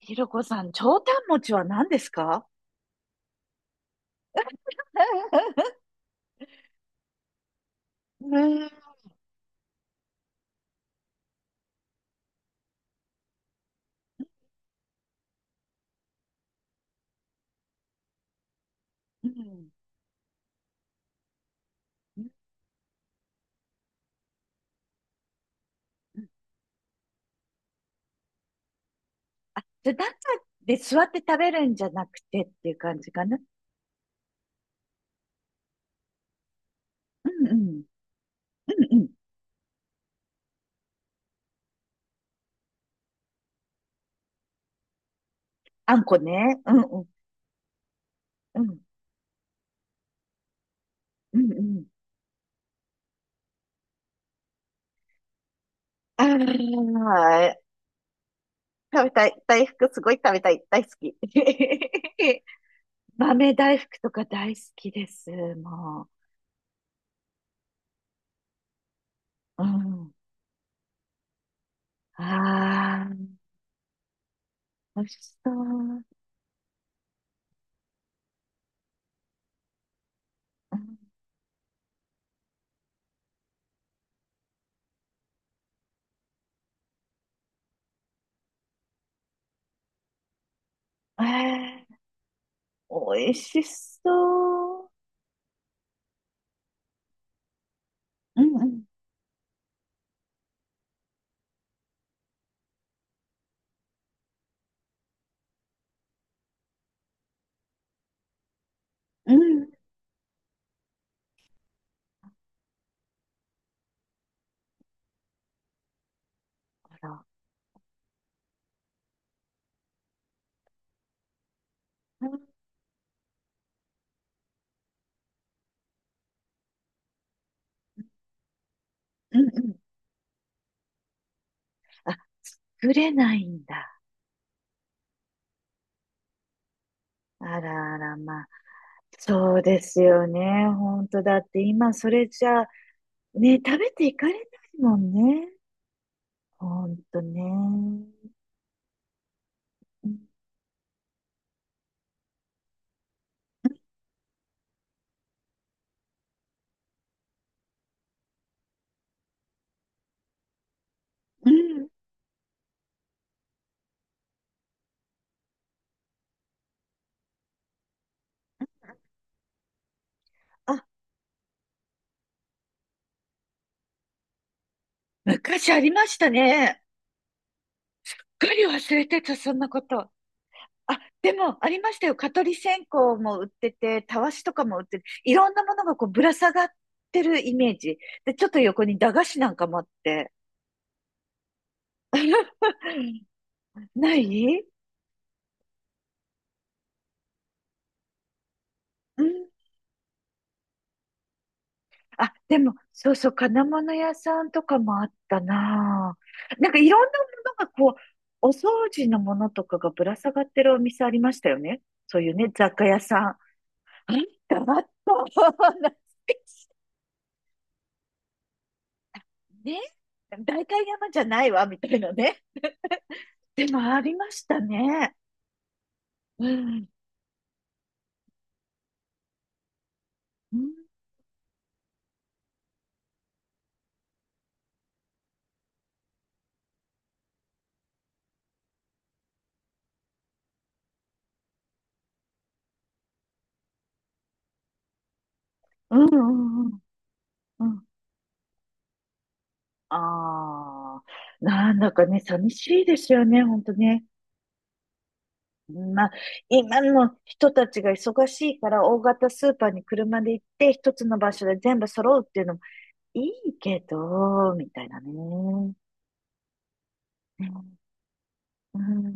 ひろこさん、長短餅は何ですか？うーん。うんうん。あ、じゃあ、なんかで座って食べるんじゃなくてっていう感じかな。うんうん。うんうん。あんこね。うんうん。うん。うんうん。ああ、食べたい。大福すごい食べたい。大好き。豆大福とか大好きです。もう。うん。ああ、美味しそう。うん、えー、美味しそう。うんうんうん。あら。うんうんうん。あ、触れないんだ。あらあら、まあ。そうですよね。本当だって今それじゃ、ね、食べていかれないもんね。本当ね。うんうん。あ、昔ありましたね。すっかり忘れてた、そんなこと。あ、でも、ありましたよ。蚊取り線香も売ってて、たわしとかも売ってて、いろんなものがこうぶら下がってるイメージ。で、ちょっと横に駄菓子なんかもあって。ない。うん。あ、でも、そうそう、金物屋さんとかもあったなぁ。なんかいろんなものがこう、お掃除のものとかがぶら下がってるお店ありましたよね。そういうね、雑貨屋さん。あった、あった。ね。代官山じゃないわ、みたいなね。でもありましたね。うん。うん。うんうんうん。うん。ああ。なんだかね、寂しいですよね、ほんとね。まあ、今の人たちが忙しいから大型スーパーに車で行って一つの場所で全部揃うっていうのもいいけど、みたいなね。うんうん。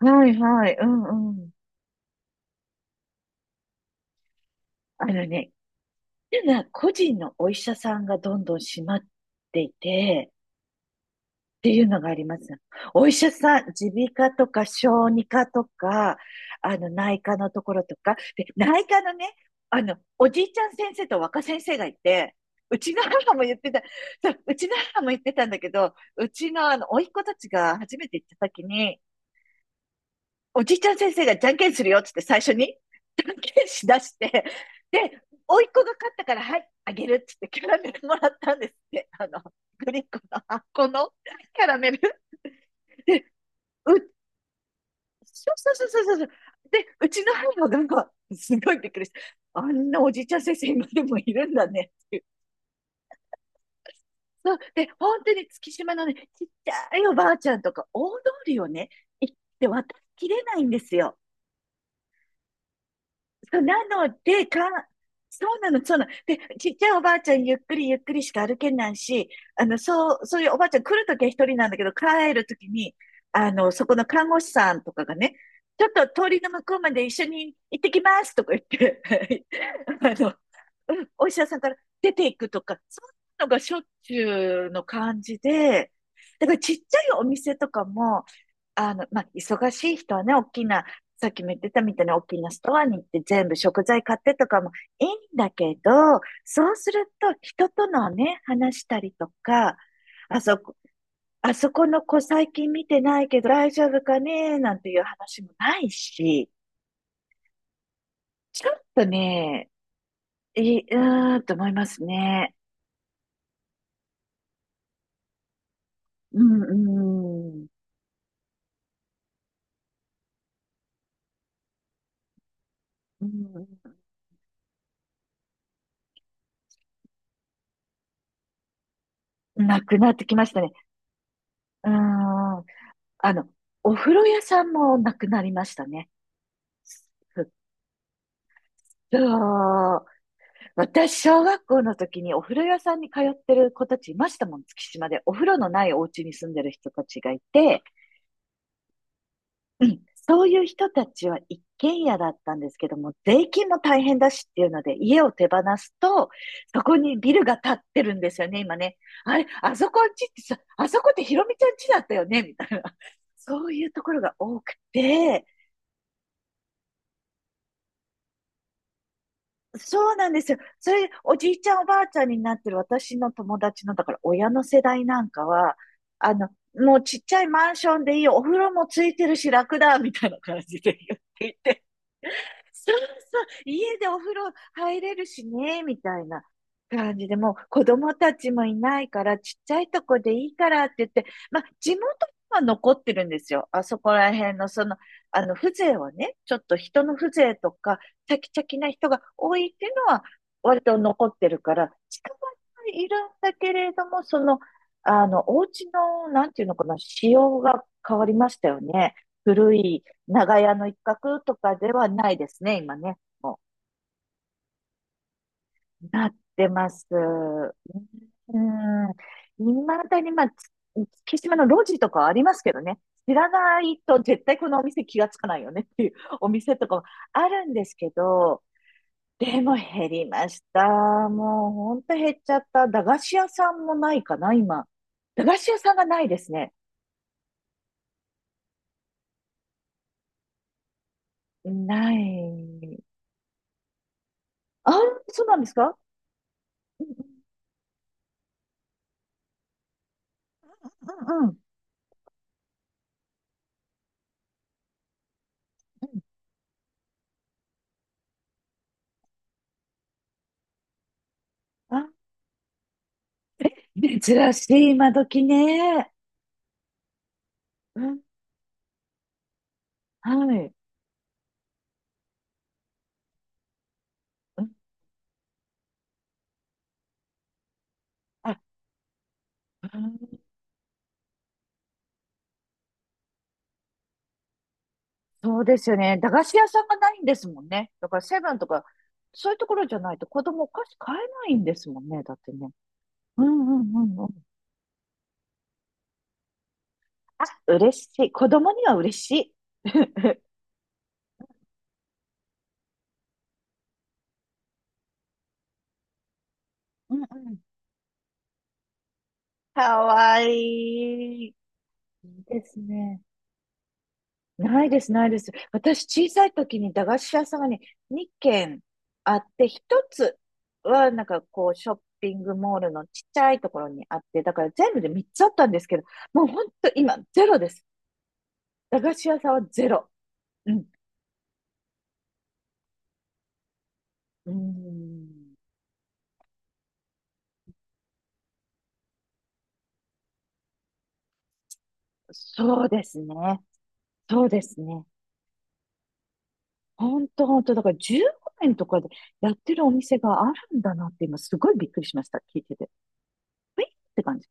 はいはい、うんうん。あのね、っていうのは個人のお医者さんがどんどん閉まっていて、っていうのがあります。お医者さん、耳鼻科とか小児科とか、内科のところとか、で、内科のね、おじいちゃん先生と若先生がいて、うちの母も言ってた、そう、うちの母も言ってたんだけど、うちの甥っ子たちが初めて行った時に、おじいちゃん先生がじゃんけんするよっつって最初に、じゃんけんしだして、で、甥っ子が勝ったから、はい、あげるっつってキャラメルもらったんですって。グリコの、あっこのキャラメル。う、そうそうそうそうそうそう。で、うちの母が、すごいびっくりした。あんなおじいちゃん先生今でもいるんだねっていう。そう。で、本当に月島のね、ちっちゃいおばあちゃんとか、大通りをね、行って渡りきれないんですよ。そうなので、か、そうなの、そうなの。で、ちっちゃいおばあちゃん、ゆっくりゆっくりしか歩けないし、そういうおばあちゃん来るときは一人なんだけど、帰るときに、そこの看護師さんとかがね、ちょっと通りの向こうまで一緒に行ってきますとか言って、あの、うん、お医者さんから出ていくとか、そういうのがしょっちゅうの感じで、だからちっちゃいお店とかも、まあ、忙しい人はね、大きな、さっきも言ってたみたいな大きなストアに行って全部食材買ってとかもいいんだけど、そうすると人とのね、話したりとか、あそこ、あそこの子最近見てないけど大丈夫かねなんていう話もないし、ちょっとね、いい、うーんと思いますね。うん、うん、うん、なくなってきましたね。うーん、あの、お風呂屋さんもなくなりましたね。そう。私、小学校の時にお風呂屋さんに通ってる子たちいましたもん、月島で。お風呂のないお家に住んでる人たちがいて、うん、そういう人たちは一軒家だったんですけども、税金も大変だしっていうので、家を手放すと、そこにビルが建ってるんですよね、今ね。あれ、あそこんちってさ、あそこってひろみちゃんちだったよね、みたいな。そういうところが多くて、そうなんですよ。それ、おじいちゃんおばあちゃんになってる私の友達の、だから親の世代なんかは、もうちっちゃいマンションでいいよ、お風呂もついてるし楽だ、みたいな感じで言っていて、そうそう、家でお風呂入れるしね、みたいな感じで、もう子供たちもいないから、ちっちゃいとこでいいからって言って、まあ、地元は残ってるんですよ。あそこら辺の、その、風情はね、ちょっと人の風情とか、チャキチャキな人が多いっていうのは、割と残ってるから、近場にいるんだけれども、お家の、なんていうのかな、仕様が変わりましたよね。古い長屋の一角とかではないですね、今ね。もう、なってます。うん。未だに、まあ、月島の路地とかはありますけどね。知らないと絶対このお店気がつかないよねっていう お店とかもあるんですけど、でも減りました。もうほんと減っちゃった。駄菓子屋さんもないかな、今。駄菓子屋さんがないですね。ない。あ、そうなんですか？うんうんうん。うん。珍しい、今時ね。うん、はい。うん、あ、うん。そうですよね。駄菓子屋さんがないんですもんね。だからセブンとか、そういうところじゃないと子供お菓子買えないんですもんね。だってね。うんうんうんうん。あ、嬉しい。子供には嬉しい。うんうん。かわいい。いいですね。ないです、ないです。私、小さい時に駄菓子屋さんがね、2軒あって、1つは、なんかこう、ショッピングモールのちっちゃいところにあって、だから全部で3つあったんですけど、もうほんと今、ゼロです。駄菓子屋さんはゼロ。うん。うーん。そうですね。そうですね。ほんとほんと、だから15円とかでやってるお店があるんだなって今、すごいびっくりしました。聞いてて。えって感じ。